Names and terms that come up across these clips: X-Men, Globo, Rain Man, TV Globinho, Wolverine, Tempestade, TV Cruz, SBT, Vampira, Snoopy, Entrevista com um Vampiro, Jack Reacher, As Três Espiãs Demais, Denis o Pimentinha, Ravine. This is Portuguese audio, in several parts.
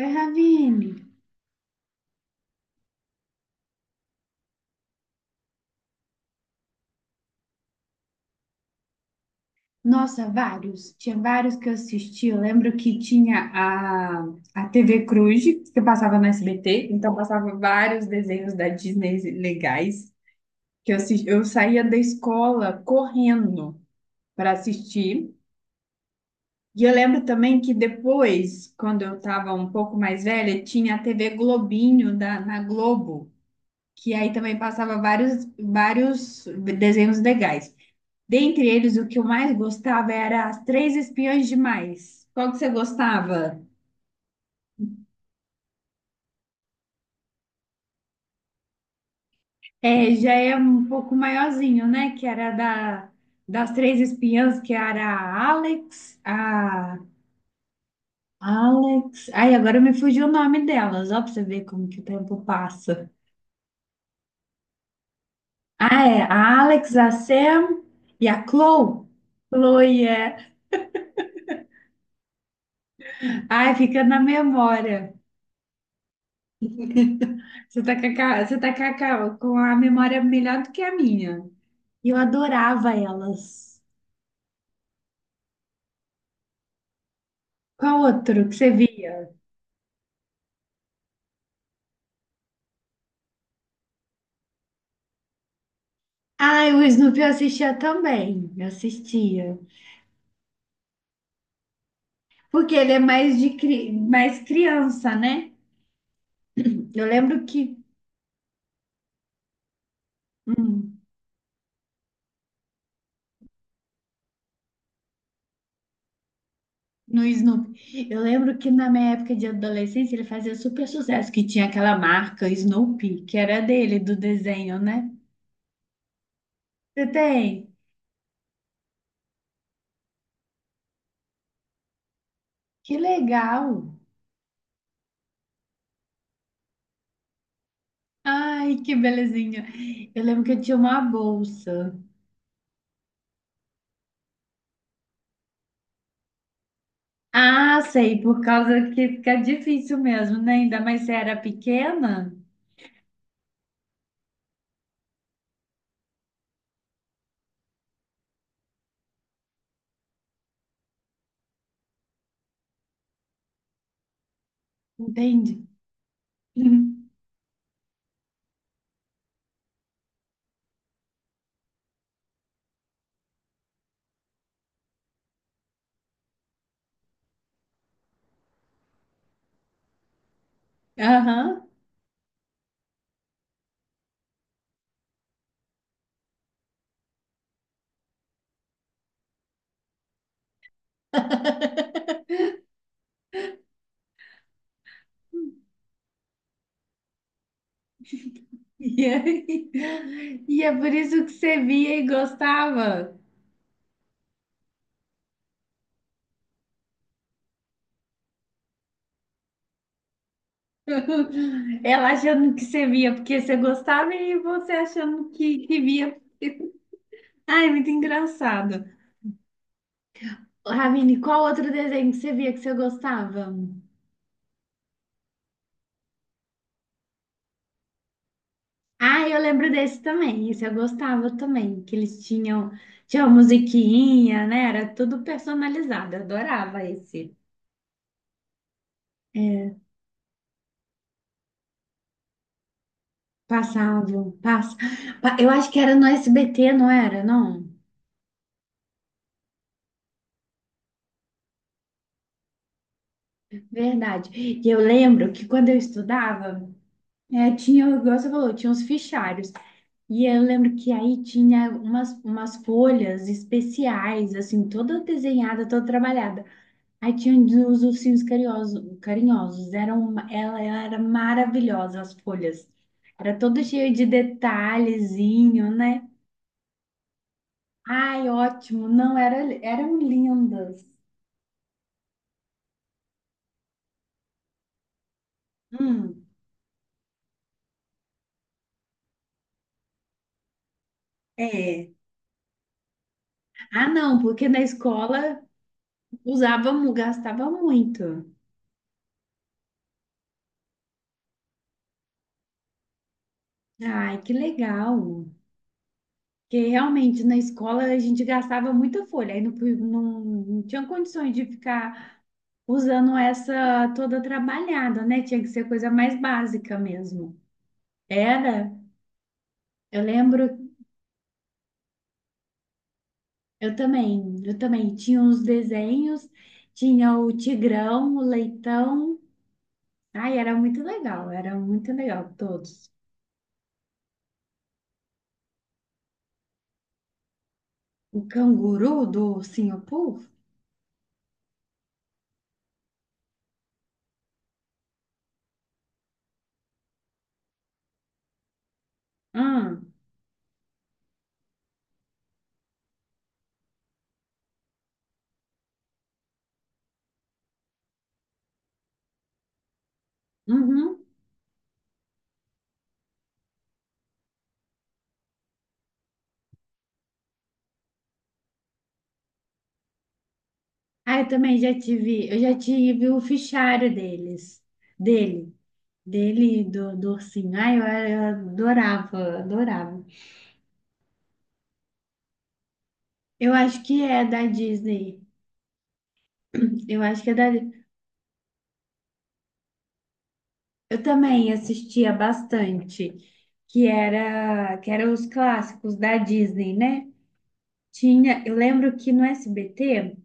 Oi, Ravine. Nossa, vários. Tinha vários que eu assisti. Eu lembro que tinha a TV Cruz, que passava no SBT, então passava vários desenhos da Disney legais, que eu saía da escola correndo para assistir. E eu lembro também que depois, quando eu estava um pouco mais velha, tinha a TV Globinho na Globo, que aí também passava vários desenhos legais. Dentre eles, o que eu mais gostava era As Três Espiãs Demais. Qual que você gostava? É, já é um pouco maiorzinho, né? Que era das Três Espiãs, que era a Alex, a Alex. Ai, agora me fugiu o nome delas, ó, pra você ver como que o tempo passa. Ah, é, a Alex, a Sam e a Chloe. Chloe, é. Ai, fica na memória. Você tá com a, ca- você tá com a ca- com a memória melhor do que a minha. E eu adorava elas. Qual outro que você viu? Ah, o Snoopy eu assistia também. Eu assistia. Porque ele é mais criança, né? Eu lembro que hum, no Snoopy, eu lembro que na minha época de adolescência ele fazia super sucesso, que tinha aquela marca Snoopy, que era dele, do desenho, né? Você tem? Que legal! Ai, que belezinha! Eu lembro que eu tinha uma bolsa. Ah, sei, por causa que fica difícil mesmo, né? Ainda mais se era pequena, entende? Aham. E aí- e é por isso que você via e gostava. Ela achando que você via porque você gostava e você achando que via. Ai, muito engraçado. Ravine, qual outro desenho que você via que você gostava? Ah, eu lembro desse também. Esse eu gostava também, que eles tinha uma musiquinha, né? Era tudo personalizado. Eu adorava esse. É, passavam, passa. Eu acho que era no SBT, não era? Não. Verdade. E eu lembro que quando eu estudava, é, tinha, igual você falou, tinha uns fichários. E eu lembro que aí tinha umas folhas especiais, assim, toda desenhada, toda trabalhada. Aí tinha os ursinhos carinhosos, carinhosos. Eram, ela era maravilhosa, as folhas. Era todo cheio de detalhezinho, né? Ai, ótimo. Não, era, eram lindas. Hum, é. Ah, não, porque na escola usava, gastava muito. Ai, que legal. Porque realmente na escola a gente gastava muita folha. Aí não, não, não tinha condições de ficar usando essa toda trabalhada, né? Tinha que ser coisa mais básica mesmo. Era, eu lembro, eu também tinha uns desenhos, tinha o tigrão, o leitão. Ai, era muito legal todos. O canguru do Singapur. Hum, uhum. Ah, eu também já tive, eu já tive o fichário deles, dele, dele e do ursinho. Ai, eu adorava, adorava. Eu acho que é da Disney. Eu acho que é da. Eu também assistia bastante, que eram os clássicos da Disney, né? Tinha, eu lembro que no SBT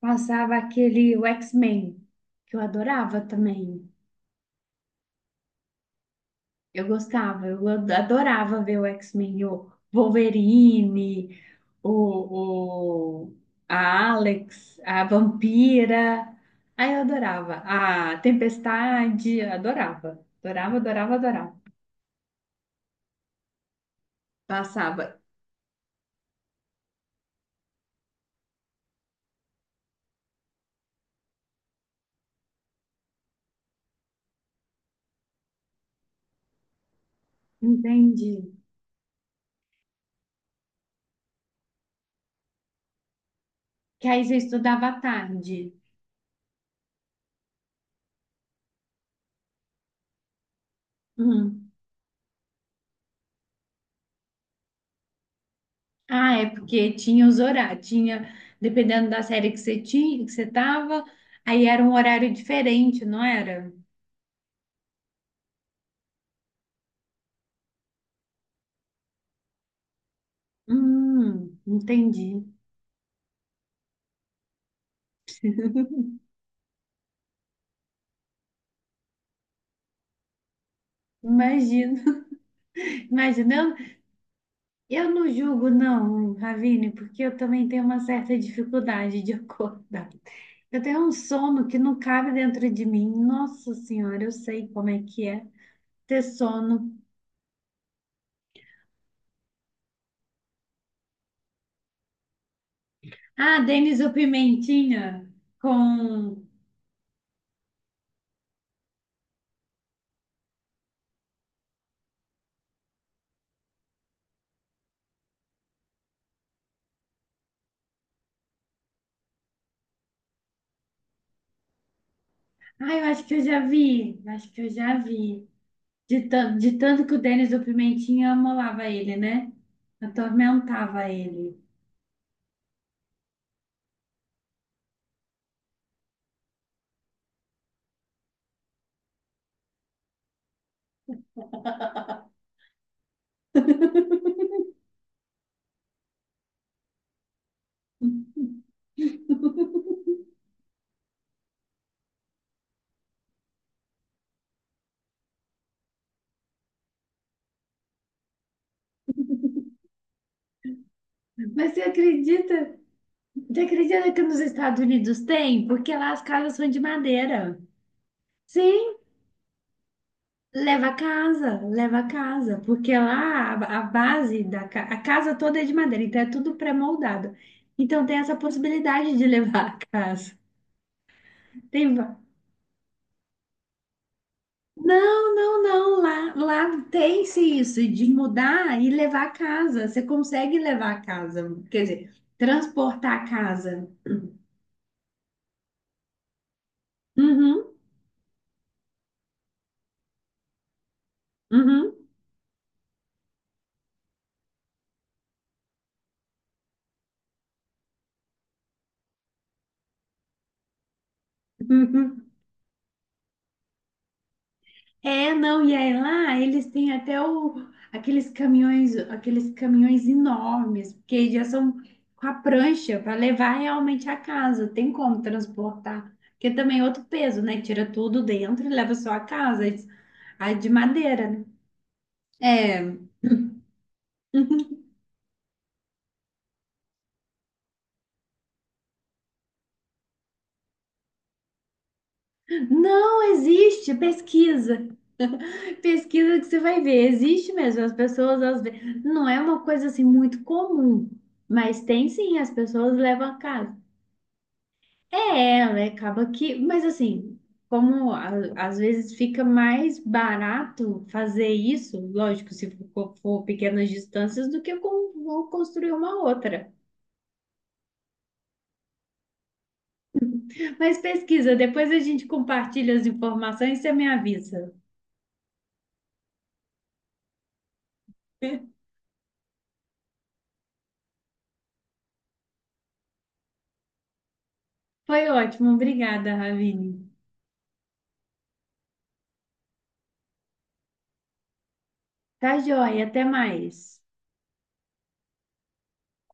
passava aquele o X-Men, que eu adorava também. Eu gostava, adorava ver o X-Men, o Wolverine, o, o- a Alex, a Vampira. Aí eu adorava. A Tempestade, adorava. Adorava, adorava, adorava. Passava. Entendi. Que aí você estudava à tarde. Hum. Ah, é porque tinha os horários, tinha, dependendo da série que você tinha, que você tava, aí era um horário diferente, não era? Entendi. Imagino, imagina. Eu não julgo, não, Ravine, porque eu também tenho uma certa dificuldade de acordar. Eu tenho um sono que não cabe dentro de mim. Nossa Senhora, eu sei como é que é ter sono. Ah, Denis o Pimentinha com. Ah, eu acho que eu já vi, eu acho que eu já vi. De tanto que o Denis o Pimentinha amolava ele, né? Atormentava ele. Mas você acredita? Você acredita que nos Estados Unidos tem? Porque lá as casas são de madeira. Sim, leva a casa, leva a casa. Porque lá a base a casa toda é de madeira, então é tudo pré-moldado. Então tem essa possibilidade de levar a casa. Tem, não, não, não. Lá tem-se isso de mudar e levar a casa. Você consegue levar a casa, quer dizer, transportar a casa. Uhum, uhum. É, não, e aí lá eles têm até aqueles caminhões enormes, porque já são com a prancha para levar realmente a casa, tem como transportar, porque também é outro peso, né? Tira tudo dentro e leva só a casa, a de madeira, né? É, não existe pesquisa, pesquisa que você vai ver, existe mesmo, as pessoas às vezes, não é uma coisa assim muito comum, mas tem sim, as pessoas levam a casa. É, ela acaba que, mas assim, como a- às vezes fica mais barato fazer isso, lógico, se for pequenas distâncias, do que vou construir uma outra. Mas pesquisa, depois a gente compartilha as informações e você me avisa. Foi ótimo, obrigada, Ravine. Tá joia, até mais.